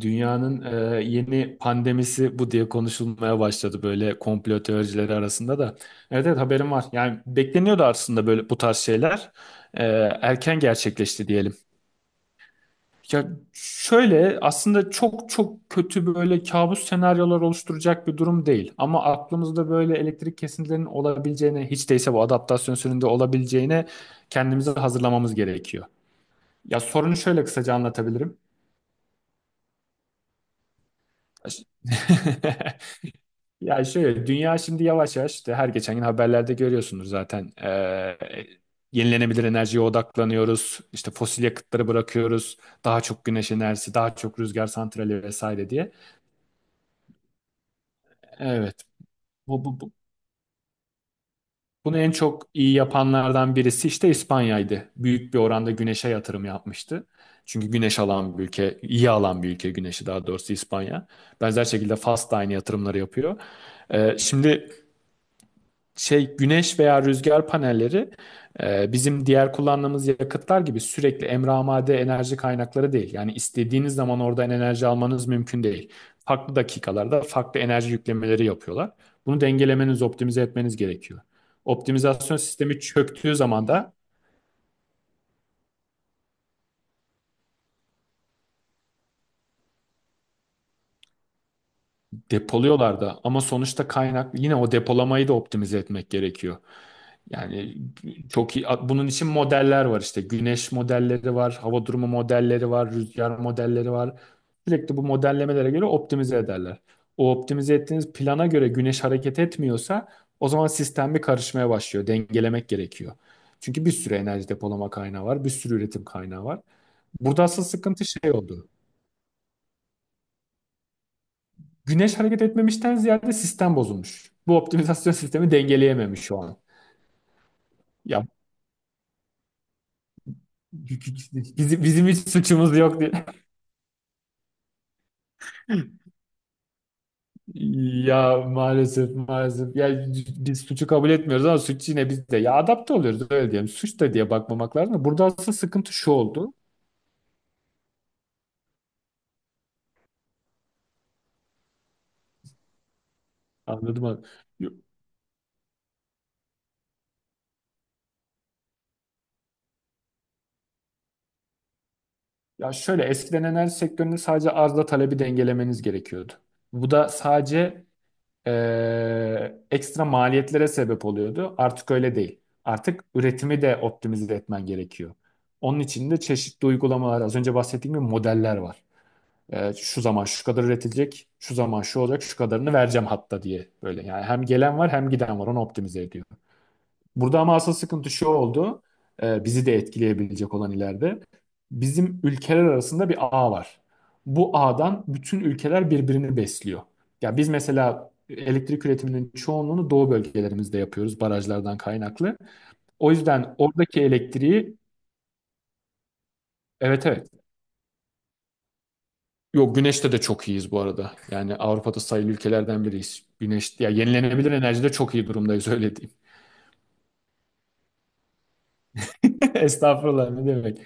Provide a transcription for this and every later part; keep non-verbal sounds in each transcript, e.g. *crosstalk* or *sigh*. Dünyanın yeni pandemisi bu diye konuşulmaya başladı böyle komplo teorileri arasında da. Evet evet, haberim var. Yani bekleniyordu aslında böyle bu tarz şeyler. E, Erken gerçekleşti diyelim. Ya şöyle, aslında çok çok kötü böyle kabus senaryolar oluşturacak bir durum değil. Ama aklımızda böyle elektrik kesintilerinin olabileceğine, hiç değilse bu adaptasyon sürecinde olabileceğine kendimizi hazırlamamız gerekiyor. Ya sorunu şöyle kısaca anlatabilirim. *laughs* Ya şöyle, dünya şimdi yavaş yavaş işte, her geçen gün haberlerde görüyorsunuz zaten. Yenilenebilir enerjiye odaklanıyoruz, işte fosil yakıtları bırakıyoruz, daha çok güneş enerjisi, daha çok rüzgar santrali vesaire diye. Evet, bu, bu, bu- bunu en çok iyi yapanlardan birisi işte İspanya'ydı, büyük bir oranda güneşe yatırım yapmıştı. Çünkü güneş alan bir ülke, iyi alan bir ülke güneşi, daha doğrusu İspanya. Benzer şekilde Fas da aynı yatırımları yapıyor. Şimdi güneş veya rüzgar panelleri bizim diğer kullandığımız yakıtlar gibi sürekli emramade enerji kaynakları değil. Yani istediğiniz zaman oradan enerji almanız mümkün değil. Farklı dakikalarda farklı enerji yüklemeleri yapıyorlar. Bunu dengelemeniz, optimize etmeniz gerekiyor. Optimizasyon sistemi çöktüğü zaman da depoluyorlar da, ama sonuçta kaynak, yine o depolamayı da optimize etmek gerekiyor. Yani çok iyi, bunun için modeller var, işte güneş modelleri var, hava durumu modelleri var, rüzgar modelleri var. Sürekli bu modellemelere göre optimize ederler. O optimize ettiğiniz plana göre güneş hareket etmiyorsa, o zaman sistem bir karışmaya başlıyor. Dengelemek gerekiyor. Çünkü bir sürü enerji depolama kaynağı var, bir sürü üretim kaynağı var. Burada asıl sıkıntı şey oldu. Güneş hareket etmemişten ziyade sistem bozulmuş. Bu optimizasyon sistemi dengeleyememiş şu an. Ya bizim hiç suçumuz yok diye. *laughs* Ya maalesef maalesef. Ya biz suçu kabul etmiyoruz ama suç yine bizde. Ya adapte oluyoruz, öyle diyelim. Suç da diye bakmamak lazım. Burada aslında sıkıntı şu oldu. Anladım mı? Ya şöyle, eskiden enerji sektöründe sadece arzla talebi dengelemeniz gerekiyordu. Bu da sadece ekstra maliyetlere sebep oluyordu. Artık öyle değil. Artık üretimi de optimize etmen gerekiyor. Onun için de çeşitli uygulamalar, az önce bahsettiğim gibi modeller var. E, şu zaman şu kadar üretilecek, şu zaman şu olacak, şu kadarını vereceğim hatta diye böyle. Yani hem gelen var hem giden var, onu optimize ediyor. Burada ama asıl sıkıntı şu oldu, bizi de etkileyebilecek olan ileride. Bizim ülkeler arasında bir ağ var. Bu ağdan bütün ülkeler birbirini besliyor. Ya biz mesela elektrik üretiminin çoğunluğunu doğu bölgelerimizde yapıyoruz, barajlardan kaynaklı. O yüzden oradaki elektriği evet evet. Yok, güneşte de çok iyiyiz bu arada. Yani Avrupa'da sayılı ülkelerden biriyiz. Güneş, ya yenilenebilir enerjide çok iyi durumdayız, öyle diyeyim. *laughs* Estağfurullah, ne demek.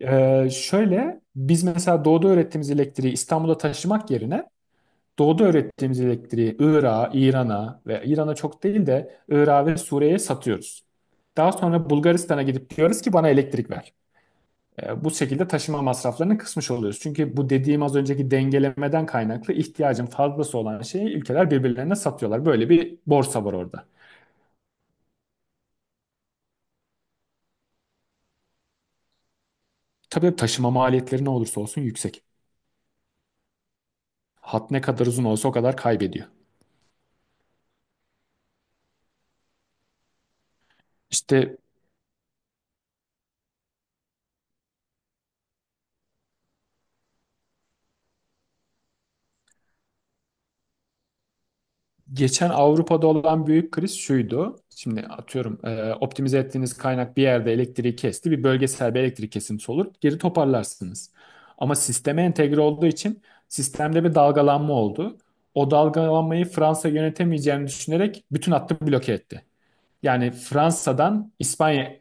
Şöyle, biz mesela doğuda öğrettiğimiz elektriği İstanbul'a taşımak yerine, doğuda öğrettiğimiz elektriği Irak'a, İran'a ve İran'a çok değil de Irak'a ve Suriye'ye satıyoruz. Daha sonra Bulgaristan'a gidip diyoruz ki bana elektrik ver. Bu şekilde taşıma masraflarını kısmış oluyoruz. Çünkü bu dediğim az önceki dengelemeden kaynaklı, ihtiyacın fazlası olan şeyi ülkeler birbirlerine satıyorlar. Böyle bir borsa var orada. Tabii taşıma maliyetleri ne olursa olsun yüksek. Hat ne kadar uzun olsa o kadar kaybediyor. İşte geçen Avrupa'da olan büyük kriz şuydu. Şimdi atıyorum, optimize ettiğiniz kaynak bir yerde elektriği kesti. Bir bölgesel bir elektrik kesintisi olur. Geri toparlarsınız. Ama sisteme entegre olduğu için sistemde bir dalgalanma oldu. O dalgalanmayı Fransa yönetemeyeceğini düşünerek bütün hattı bloke etti. Yani Fransa'dan İspanya.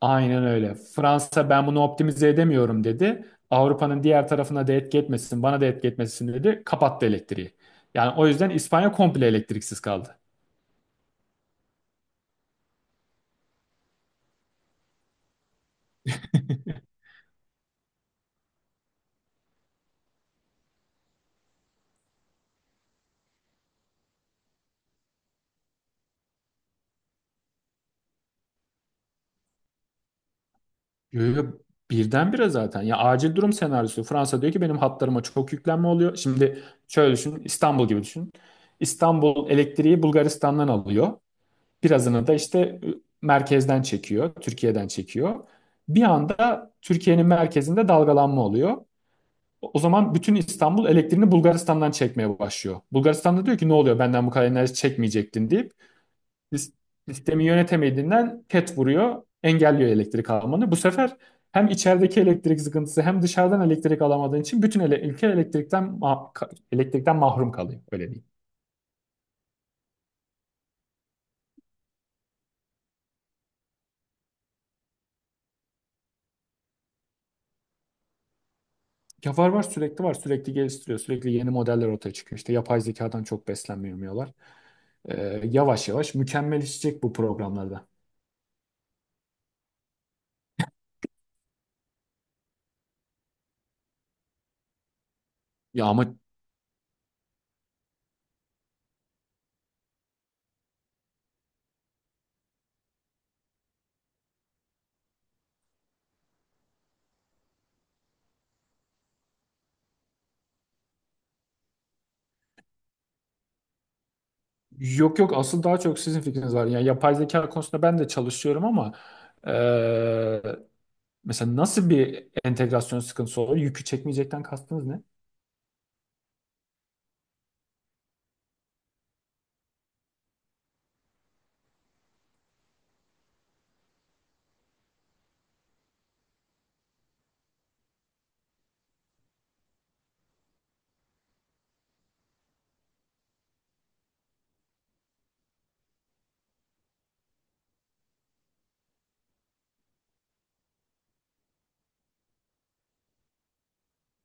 Aynen öyle. Fransa ben bunu optimize edemiyorum dedi. Avrupa'nın diğer tarafına da etki etmesin, bana da etki etmesin dedi. Kapattı elektriği. Yani o yüzden İspanya komple elektriksiz kaldı. Yo, yo, birdenbire zaten. Ya acil durum senaryosu. Fransa diyor ki benim hatlarıma çok yüklenme oluyor. Şimdi şöyle düşün, İstanbul gibi düşün. İstanbul elektriği Bulgaristan'dan alıyor. Birazını da işte merkezden çekiyor, Türkiye'den çekiyor. Bir anda Türkiye'nin merkezinde dalgalanma oluyor. O zaman bütün İstanbul elektriğini Bulgaristan'dan çekmeye başlıyor. Bulgaristan'da diyor ki ne oluyor, benden bu kadar enerji çekmeyecektin deyip sis- sistemi yönetemediğinden ket vuruyor, engelliyor elektrik almanı. Bu sefer hem içerideki elektrik sıkıntısı, hem dışarıdan elektrik alamadığın için bütün ülke elektrikten elektrikten mahrum kalıyor, öyle diyeyim. Ya var var, sürekli var, sürekli geliştiriyor, sürekli yeni modeller ortaya çıkıyor. İşte yapay zekadan çok beslenmiyorlar. Yavaş yavaş mükemmelleşecek bu programlarda. Ya ama yok yok, asıl daha çok sizin fikriniz var. Yani yapay zeka konusunda ben de çalışıyorum ama eee, mesela nasıl bir entegrasyon sıkıntısı olur? Yükü çekmeyecekten kastınız ne?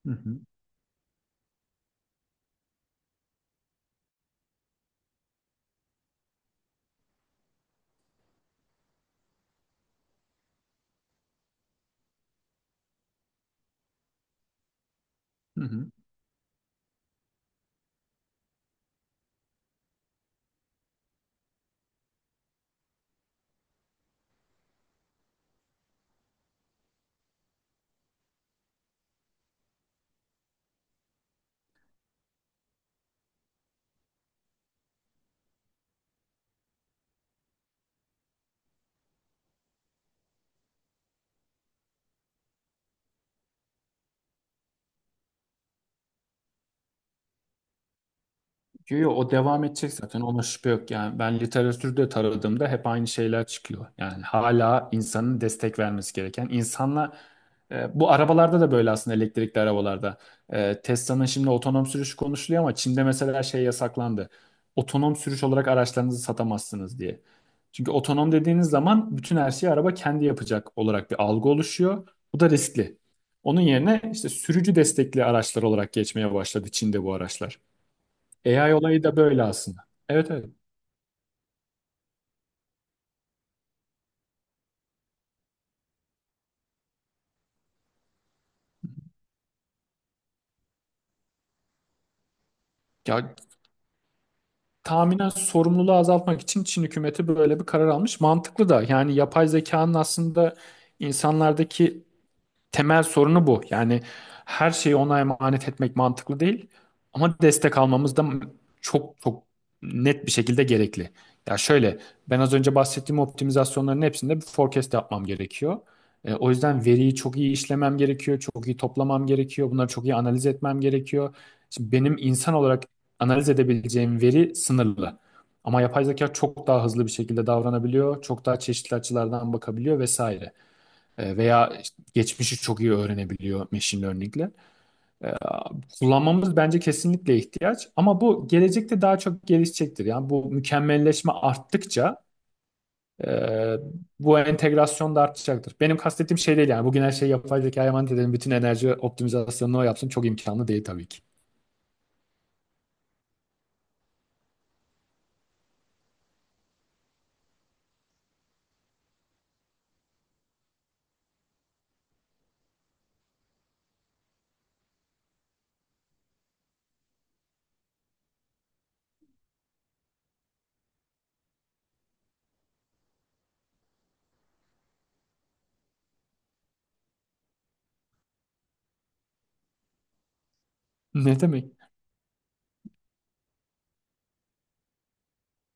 Hı hı. Hı hı. Yo, yo, o devam edecek zaten, ona şüphe yok. Yani ben literatürde taradığımda hep aynı şeyler çıkıyor. Yani hala insanın destek vermesi gereken. İnsanla bu arabalarda da böyle aslında, elektrikli arabalarda. E, Tesla'nın şimdi otonom sürüş konuşuluyor ama Çin'de mesela şey yasaklandı. Otonom sürüş olarak araçlarınızı satamazsınız diye. Çünkü otonom dediğiniz zaman bütün her şeyi araba kendi yapacak olarak bir algı oluşuyor. Bu da riskli. Onun yerine işte sürücü destekli araçlar olarak geçmeye başladı Çin'de bu araçlar. AI olayı da böyle aslında. Evet evet. Ya tahminen sorumluluğu azaltmak için Çin hükümeti böyle bir karar almış. Mantıklı da, yani yapay zekanın aslında insanlardaki temel sorunu bu. Yani her şeyi ona emanet etmek mantıklı değil ama destek almamız da çok çok net bir şekilde gerekli. Ya şöyle, ben az önce bahsettiğim optimizasyonların hepsinde bir forecast yapmam gerekiyor. E, o yüzden veriyi çok iyi işlemem gerekiyor, çok iyi toplamam gerekiyor, bunları çok iyi analiz etmem gerekiyor. Şimdi benim insan olarak analiz edebileceğim veri sınırlı. Ama yapay zeka çok daha hızlı bir şekilde davranabiliyor, çok daha çeşitli açılardan bakabiliyor vesaire. E, veya işte geçmişi çok iyi öğrenebiliyor machine learning'le. E, kullanmamız bence kesinlikle ihtiyaç ama bu gelecekte daha çok gelişecektir. Yani bu mükemmelleşme arttıkça e, bu entegrasyon da artacaktır. Benim kastettiğim şey değil, yani bugün her şeyi yapay zekaya emanet edelim, bütün enerji optimizasyonunu o yapsın çok imkanlı değil tabii ki. *laughs* Ne demek?